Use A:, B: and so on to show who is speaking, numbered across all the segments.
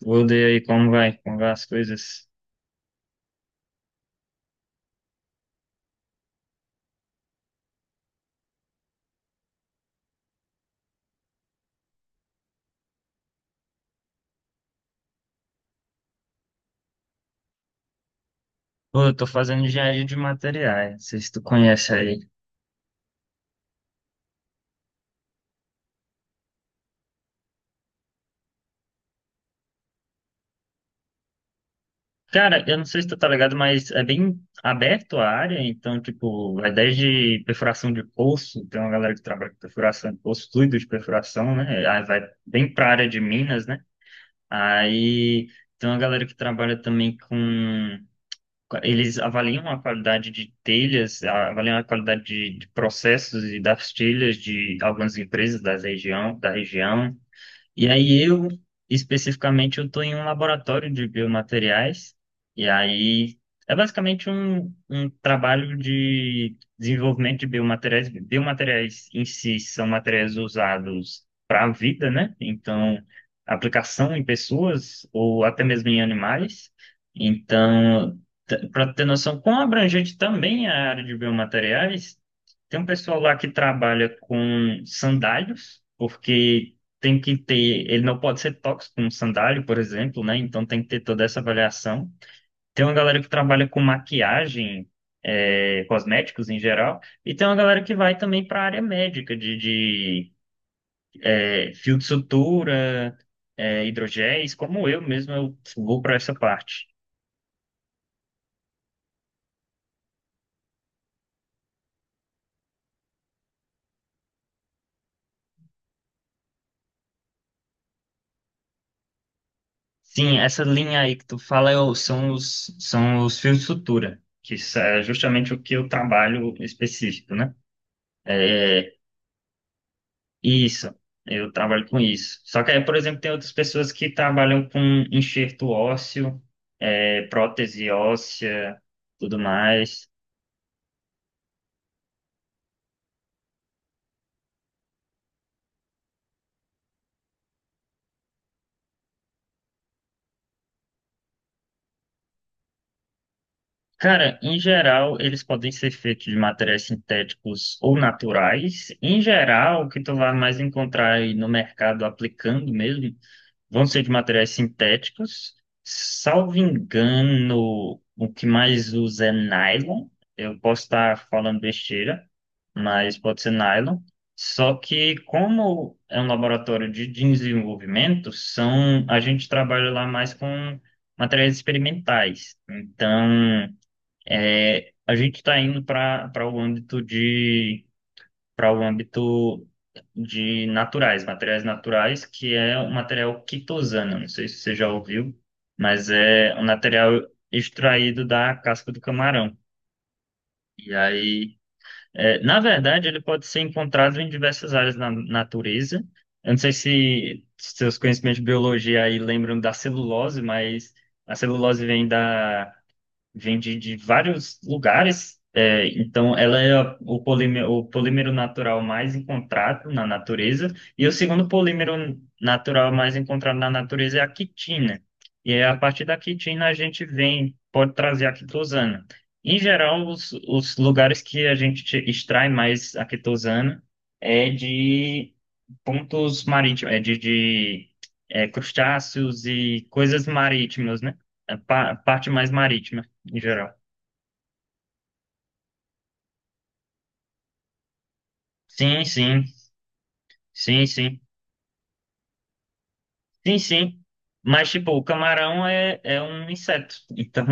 A: Tudo e aí, como vai? Como vai as coisas? Pô, eu tô fazendo engenharia de materiais, não sei se tu conhece aí. Cara, eu não sei se tu tá ligado, mas é bem aberto a área, então, tipo, vai desde perfuração de poço, tem uma galera que trabalha com perfuração de poço, fluido de perfuração, né? Aí vai bem pra área de minas, né? Aí tem uma galera que trabalha também com. Eles avaliam a qualidade de telhas, avaliam a qualidade de processos e das telhas de algumas empresas da região, da região. E aí eu, especificamente, eu estou em um laboratório de biomateriais, e aí é basicamente um trabalho de desenvolvimento de biomateriais. Biomateriais em si são materiais usados para a vida, né? Então, aplicação em pessoas ou até mesmo em animais. Então, para ter noção quão abrangente também é a área de biomateriais, tem um pessoal lá que trabalha com sandálios, porque tem que ter, ele não pode ser tóxico como sandália, por exemplo, né? Então tem que ter toda essa avaliação. Tem uma galera que trabalha com maquiagem, é, cosméticos em geral, e tem uma galera que vai também para a área médica, de é, fio de sutura, é, hidrogéis, como eu mesmo, eu vou para essa parte. Sim, essa linha aí que tu fala são os fios de sutura, que isso é justamente o que eu trabalho específico, né? É, isso, eu trabalho com isso. Só que aí, por exemplo, tem outras pessoas que trabalham com enxerto ósseo, é, prótese óssea, tudo mais. Cara, em geral, eles podem ser feitos de materiais sintéticos ou naturais. Em geral, o que tu vai mais encontrar aí no mercado aplicando mesmo vão ser de materiais sintéticos. Salvo engano, o que mais usa é nylon. Eu posso estar falando besteira, mas pode ser nylon. Só que como é um laboratório de desenvolvimento, são a gente trabalha lá mais com materiais experimentais. Então, é, a gente está indo para o âmbito para o âmbito de naturais, materiais naturais, que é o material quitosana. Não sei se você já ouviu, mas é um material extraído da casca do camarão. E aí, é, na verdade, ele pode ser encontrado em diversas áreas na natureza. Eu não sei se seus conhecimentos de biologia aí lembram da celulose, mas a celulose vem da vem de vários lugares. É, então, ela é o polímero natural mais encontrado na natureza. E o segundo polímero natural mais encontrado na natureza é a quitina. E é a partir da quitina a gente vem, pode trazer a quitosana. Em geral, os lugares que a gente extrai mais a quitosana é de pontos marítimos, é de é, crustáceos e coisas marítimas, né? A parte mais marítima em geral. Sim, sim, sim, sim, sim, sim. Mas, tipo, o camarão é um inseto, então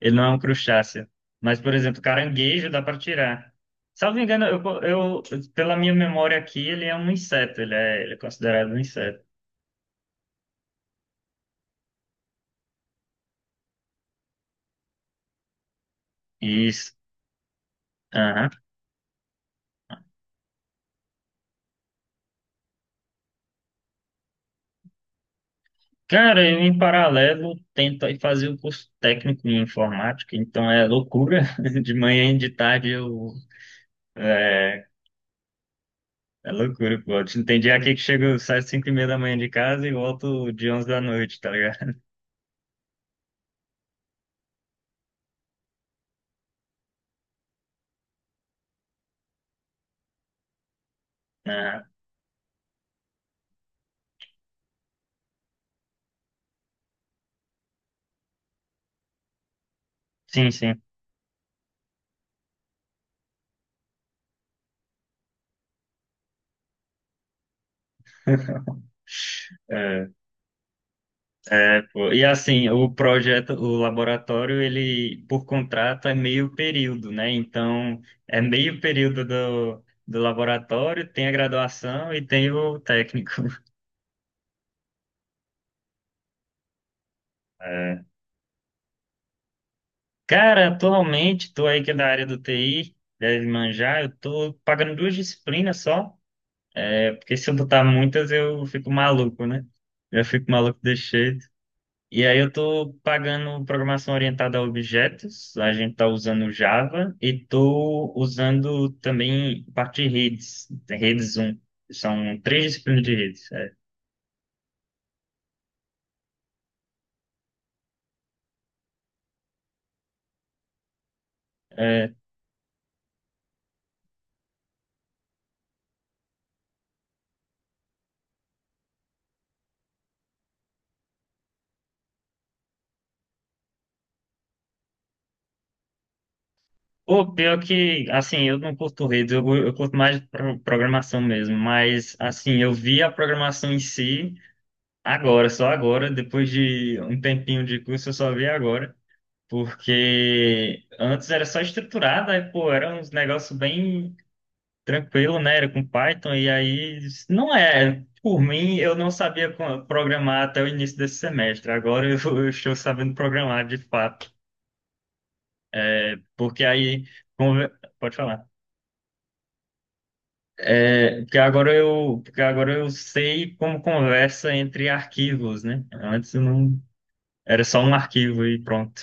A: ele não é um crustáceo. Mas, por exemplo, caranguejo dá para tirar. Salvo engano, pela minha memória aqui, ele é um inseto, ele é considerado um inseto. Isso. Aham. Cara, eu em paralelo tento aí fazer um curso técnico em informática, então é loucura. De manhã e de tarde eu. É loucura, pô. Tem dia aqui que chego, saio às 5 e meia da manhã de casa e volto de 11 da noite, tá ligado? Ah, sim, sim. É, pô, e assim, o projeto, o laboratório, ele, por contrato, é meio período, né? Então, é meio período do laboratório, tem a graduação e tem o técnico. É. Cara, atualmente, tô aí que é da área do TI, deve manjar, eu tô pagando duas disciplinas só, porque se eu botar muitas, eu fico maluco, né? Eu fico maluco, deixei. E aí eu tô pagando programação orientada a objetos, a gente tá usando Java e tô usando também parte de redes, redes um. São três disciplinas de redes. É. É, pior que, assim, eu não curto redes, eu curto mais programação mesmo, mas, assim, eu vi a programação em si agora, só agora, depois de um tempinho de curso, eu só vi agora, porque antes era só estruturada, aí, pô, era uns negócios bem tranquilo, né? Era com Python, e aí não é. Por mim, eu não sabia programar até o início desse semestre. Agora eu, eu estou sabendo programar de fato. Porque aí. Conver-. Pode falar. É, porque agora eu sei como conversa entre arquivos, né? Antes eu não. Era só um arquivo e pronto.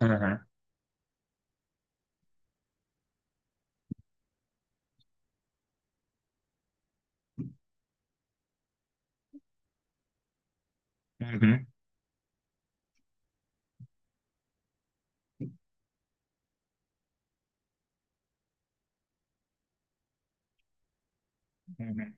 A: Aham. Uhum. Uhum.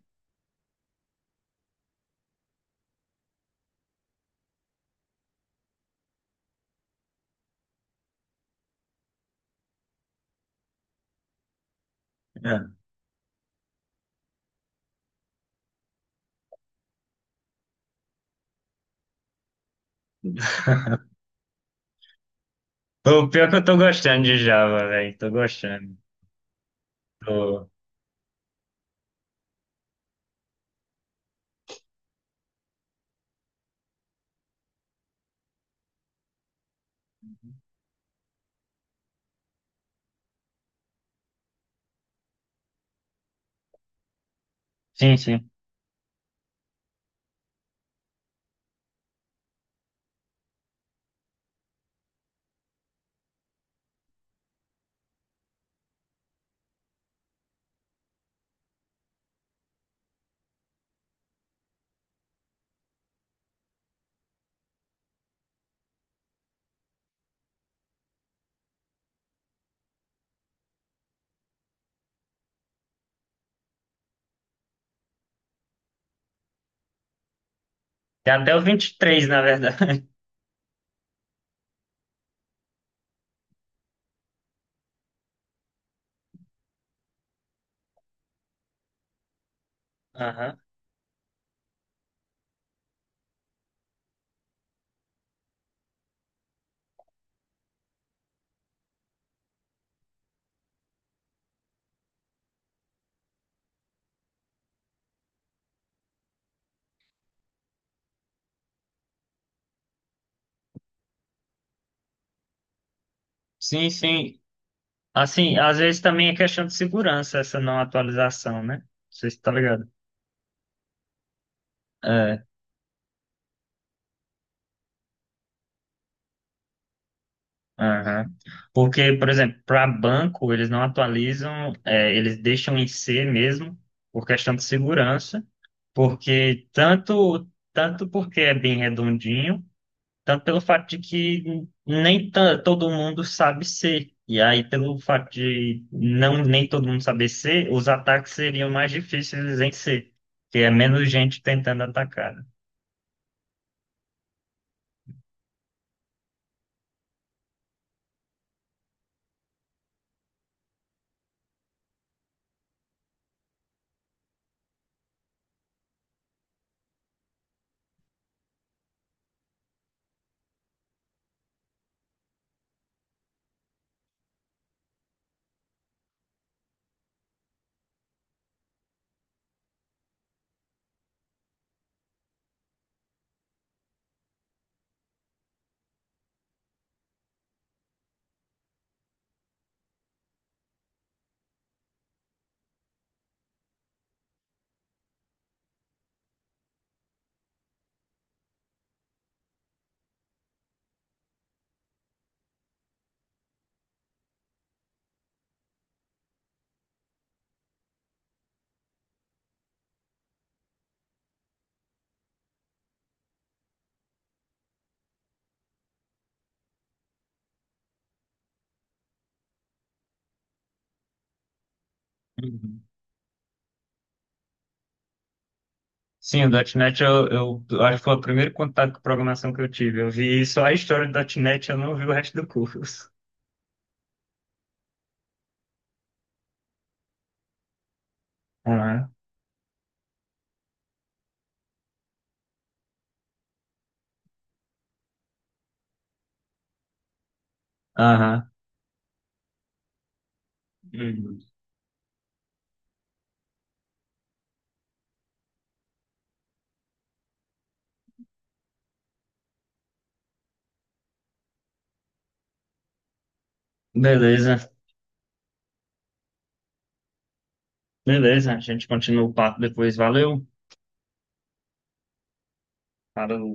A: É. O pior é que eu tô gostando de Java, velho. Tô gostando. Tô... Sim, sim. Tem até o 23 na verdade. Aham. Sim, sim. Assim, às vezes também é questão de segurança essa não atualização, né? Não sei se tá ligado. É, aham. Porque, por exemplo, para banco, eles não atualizam, é, eles deixam em C mesmo, por questão de segurança, porque tanto, tanto porque é bem redondinho, tanto pelo fato de que nem ta- todo mundo sabe ser. E aí, pelo fato de não nem todo mundo saber ser, os ataques seriam mais difíceis em ser, porque é menos gente tentando atacar, né? Uhum. Sim, o .ponto .NET eu acho que foi o primeiro contato com programação que eu tive. Eu vi só a história do .ponto .NET, eu não vi o resto do curso. Aham. Aham. Uhum. Beleza. Beleza, a gente continua o papo depois. Valeu. Falou.